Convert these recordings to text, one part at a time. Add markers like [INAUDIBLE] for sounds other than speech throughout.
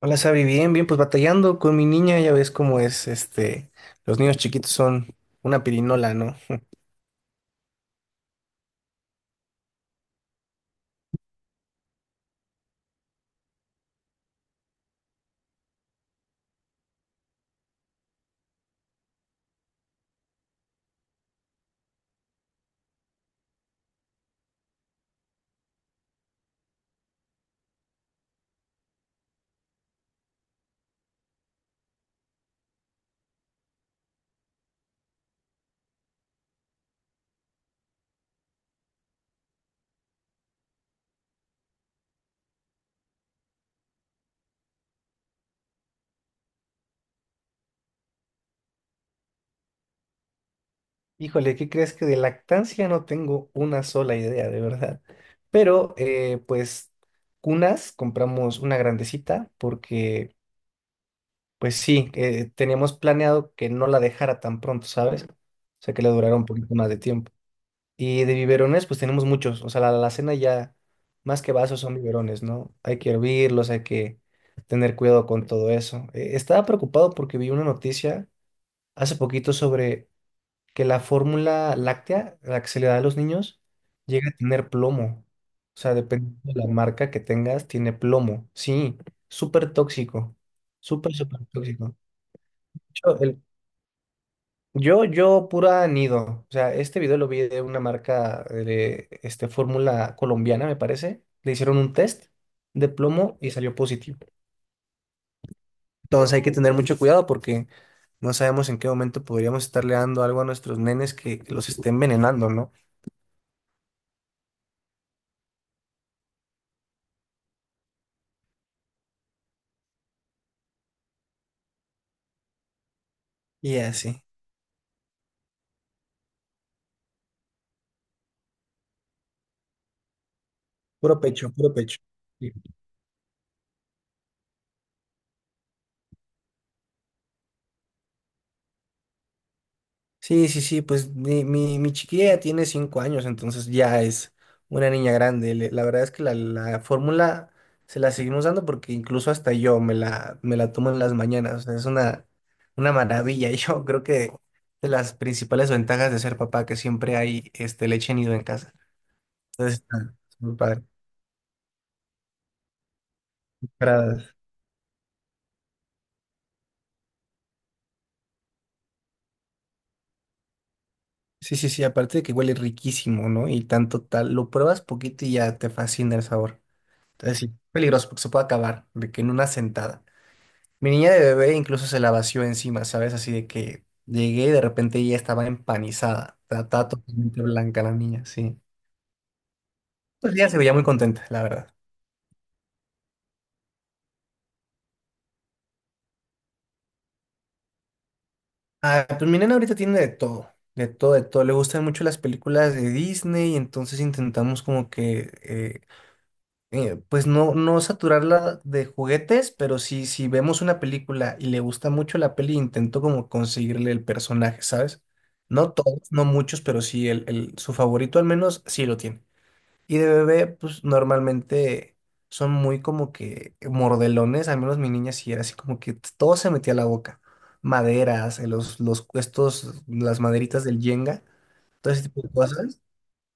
Hola, Sabi, bien, bien, pues batallando con mi niña, ya ves cómo es, los niños chiquitos son una pirinola, ¿no? [LAUGHS] Híjole, ¿qué crees que de lactancia no tengo una sola idea, de verdad? Pero, pues, cunas, compramos una grandecita porque, pues sí, teníamos planeado que no la dejara tan pronto, ¿sabes? O sea, que le durara un poquito más de tiempo. Y de biberones, pues tenemos muchos. O sea, la alacena ya, más que vasos, son biberones, ¿no? Hay que hervirlos, hay que tener cuidado con todo eso. Estaba preocupado porque vi una noticia hace poquito sobre que la fórmula láctea, la que se le da a los niños, llega a tener plomo. O sea, dependiendo de la marca que tengas, tiene plomo. Sí, súper tóxico. Súper, súper tóxico. Yo pura nido. O sea, este video lo vi de una marca de fórmula colombiana, me parece. Le hicieron un test de plomo y salió positivo. Entonces hay que tener mucho cuidado porque no sabemos en qué momento podríamos estarle dando algo a nuestros nenes que los esté envenenando, ¿no? Y así. Puro pecho, puro pecho. Sí, sí, sí, pues mi chiquilla ya tiene 5 años, entonces ya es una niña grande. La verdad es que la fórmula se la seguimos dando porque incluso hasta yo me la tomo en las mañanas. O sea, es una maravilla. [LAUGHS] Yo creo que de las principales ventajas de ser papá que siempre hay leche nido en casa. Entonces, está muy padre. Para- Sí, sí, sí, aparte de que huele riquísimo, ¿no? Y tanto tal, lo pruebas poquito y ya te fascina el sabor. Entonces, sí, peligroso porque se puede acabar de que en una sentada. Mi niña de bebé incluso se la vació encima, ¿sabes? Así de que llegué y de repente ella estaba empanizada. Está totalmente blanca la niña, sí. Pues ella se veía muy contenta, la verdad. Ah, pues mi nena ahorita tiene de todo, de todo, de todo. Le gustan mucho las películas de Disney, entonces intentamos como que, pues no saturarla de juguetes, pero si vemos una película y le gusta mucho la peli, intento como conseguirle el personaje, ¿sabes? No todos, no muchos, pero sí su favorito al menos sí lo tiene. Y de bebé, pues normalmente son muy como que mordelones, al menos mi niña sí era así como que todo se metía a la boca. Maderas, las maderitas del yenga, todo ese tipo de cosas.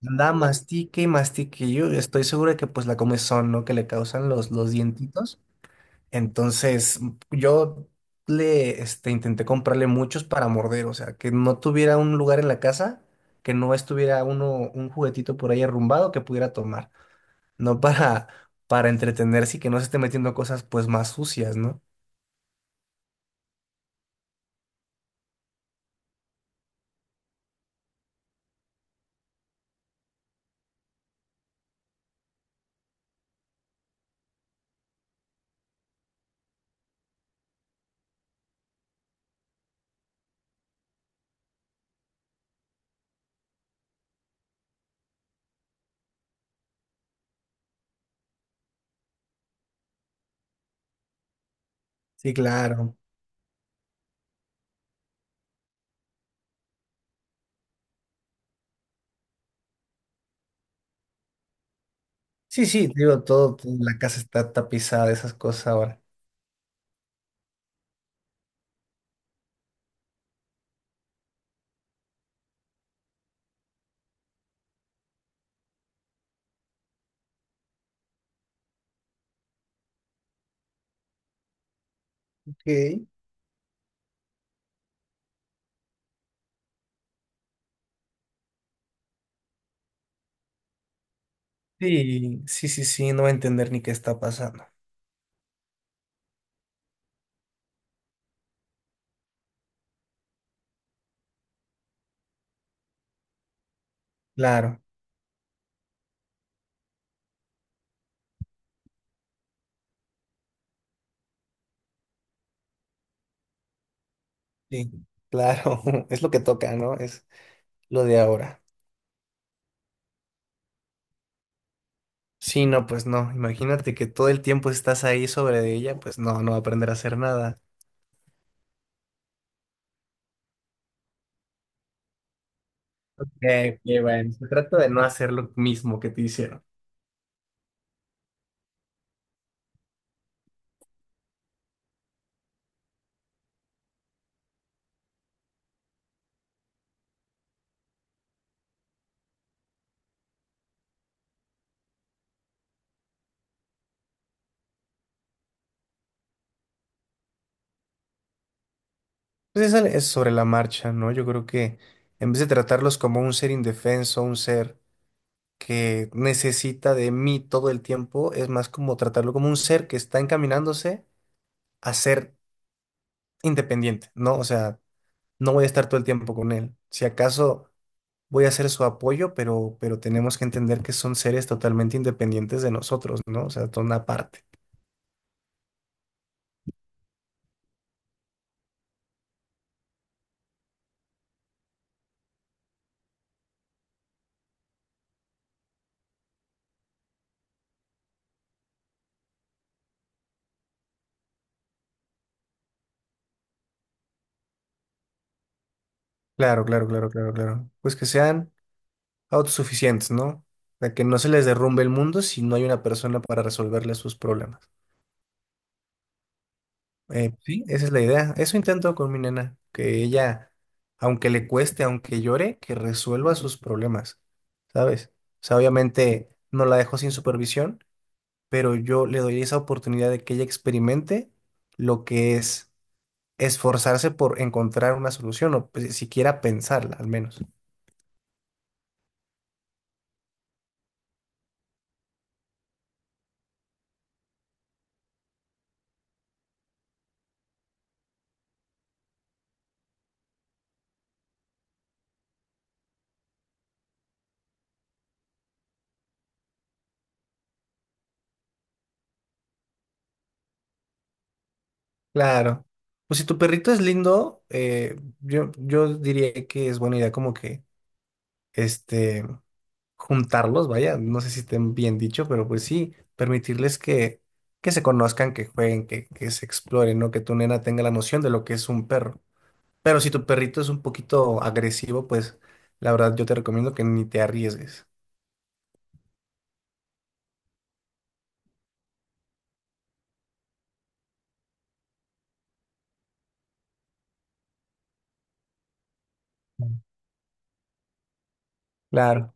Andaba mastique y mastique. Yo estoy seguro de que pues la comezón, ¿no? Que le causan los dientitos. Entonces yo le intenté comprarle muchos para morder, o sea, que no tuviera un lugar en la casa, que no estuviera un juguetito por ahí arrumbado que pudiera tomar no para, para entretenerse y que no se esté metiendo cosas pues más sucias, ¿no? Sí, claro. Sí, sí, digo, la casa está tapizada de esas cosas ahora. Ok. Sí, sí, sí, sí, no va a entender ni qué está pasando. Claro, sí, claro, [LAUGHS] es lo que toca, ¿no? Es lo de ahora. Sí, no, pues no, imagínate que todo el tiempo estás ahí sobre de ella, pues no, no va a aprender a hacer nada. Que bueno, se trata de no hacer lo mismo que te hicieron. Pues es, es sobre la marcha, ¿no? Yo creo que en vez de tratarlos como un ser indefenso, un ser que necesita de mí todo el tiempo, es más como tratarlo como un ser que está encaminándose a ser independiente, ¿no? O sea, no voy a estar todo el tiempo con él. Si acaso voy a ser su apoyo, pero tenemos que entender que son seres totalmente independientes de nosotros, ¿no? O sea, son aparte. Claro, claro, claro, claro, claro. Pues que sean autosuficientes, ¿no? De que no se les derrumbe el mundo si no hay una persona para resolverle sus problemas. Sí, esa es la idea. Eso intento con mi nena, que ella, aunque le cueste, aunque llore, que resuelva sus problemas, ¿sabes? O sea, obviamente no la dejo sin supervisión, pero yo le doy esa oportunidad de que ella experimente lo que es esforzarse por encontrar una solución o pues, siquiera pensarla, al menos. Claro. Pues si tu perrito es lindo, yo diría que es buena idea como que este juntarlos, vaya, no sé si estén bien dicho, pero pues sí, permitirles que se conozcan, que jueguen, que se exploren, ¿no? Que tu nena tenga la noción de lo que es un perro. Pero si tu perrito es un poquito agresivo, pues la verdad yo te recomiendo que ni te arriesgues. Claro.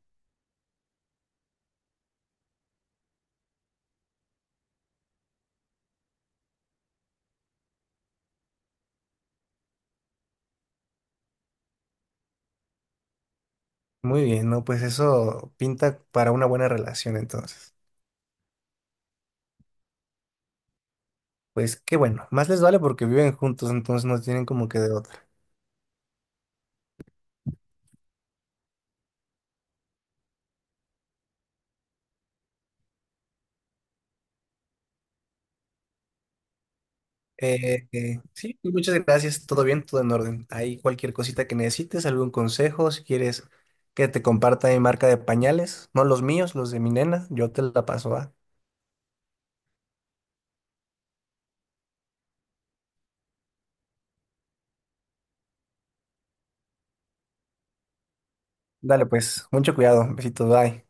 Muy bien, ¿no? Pues eso pinta para una buena relación entonces. Pues qué bueno, más les vale porque viven juntos, entonces no tienen como que de otra. Sí, pues, muchas gracias, todo bien, todo en orden. Hay cualquier cosita que necesites, algún consejo, si quieres que te comparta mi marca de pañales, no los míos, los de mi nena, yo te la paso, va. Dale pues, mucho cuidado, besitos, bye.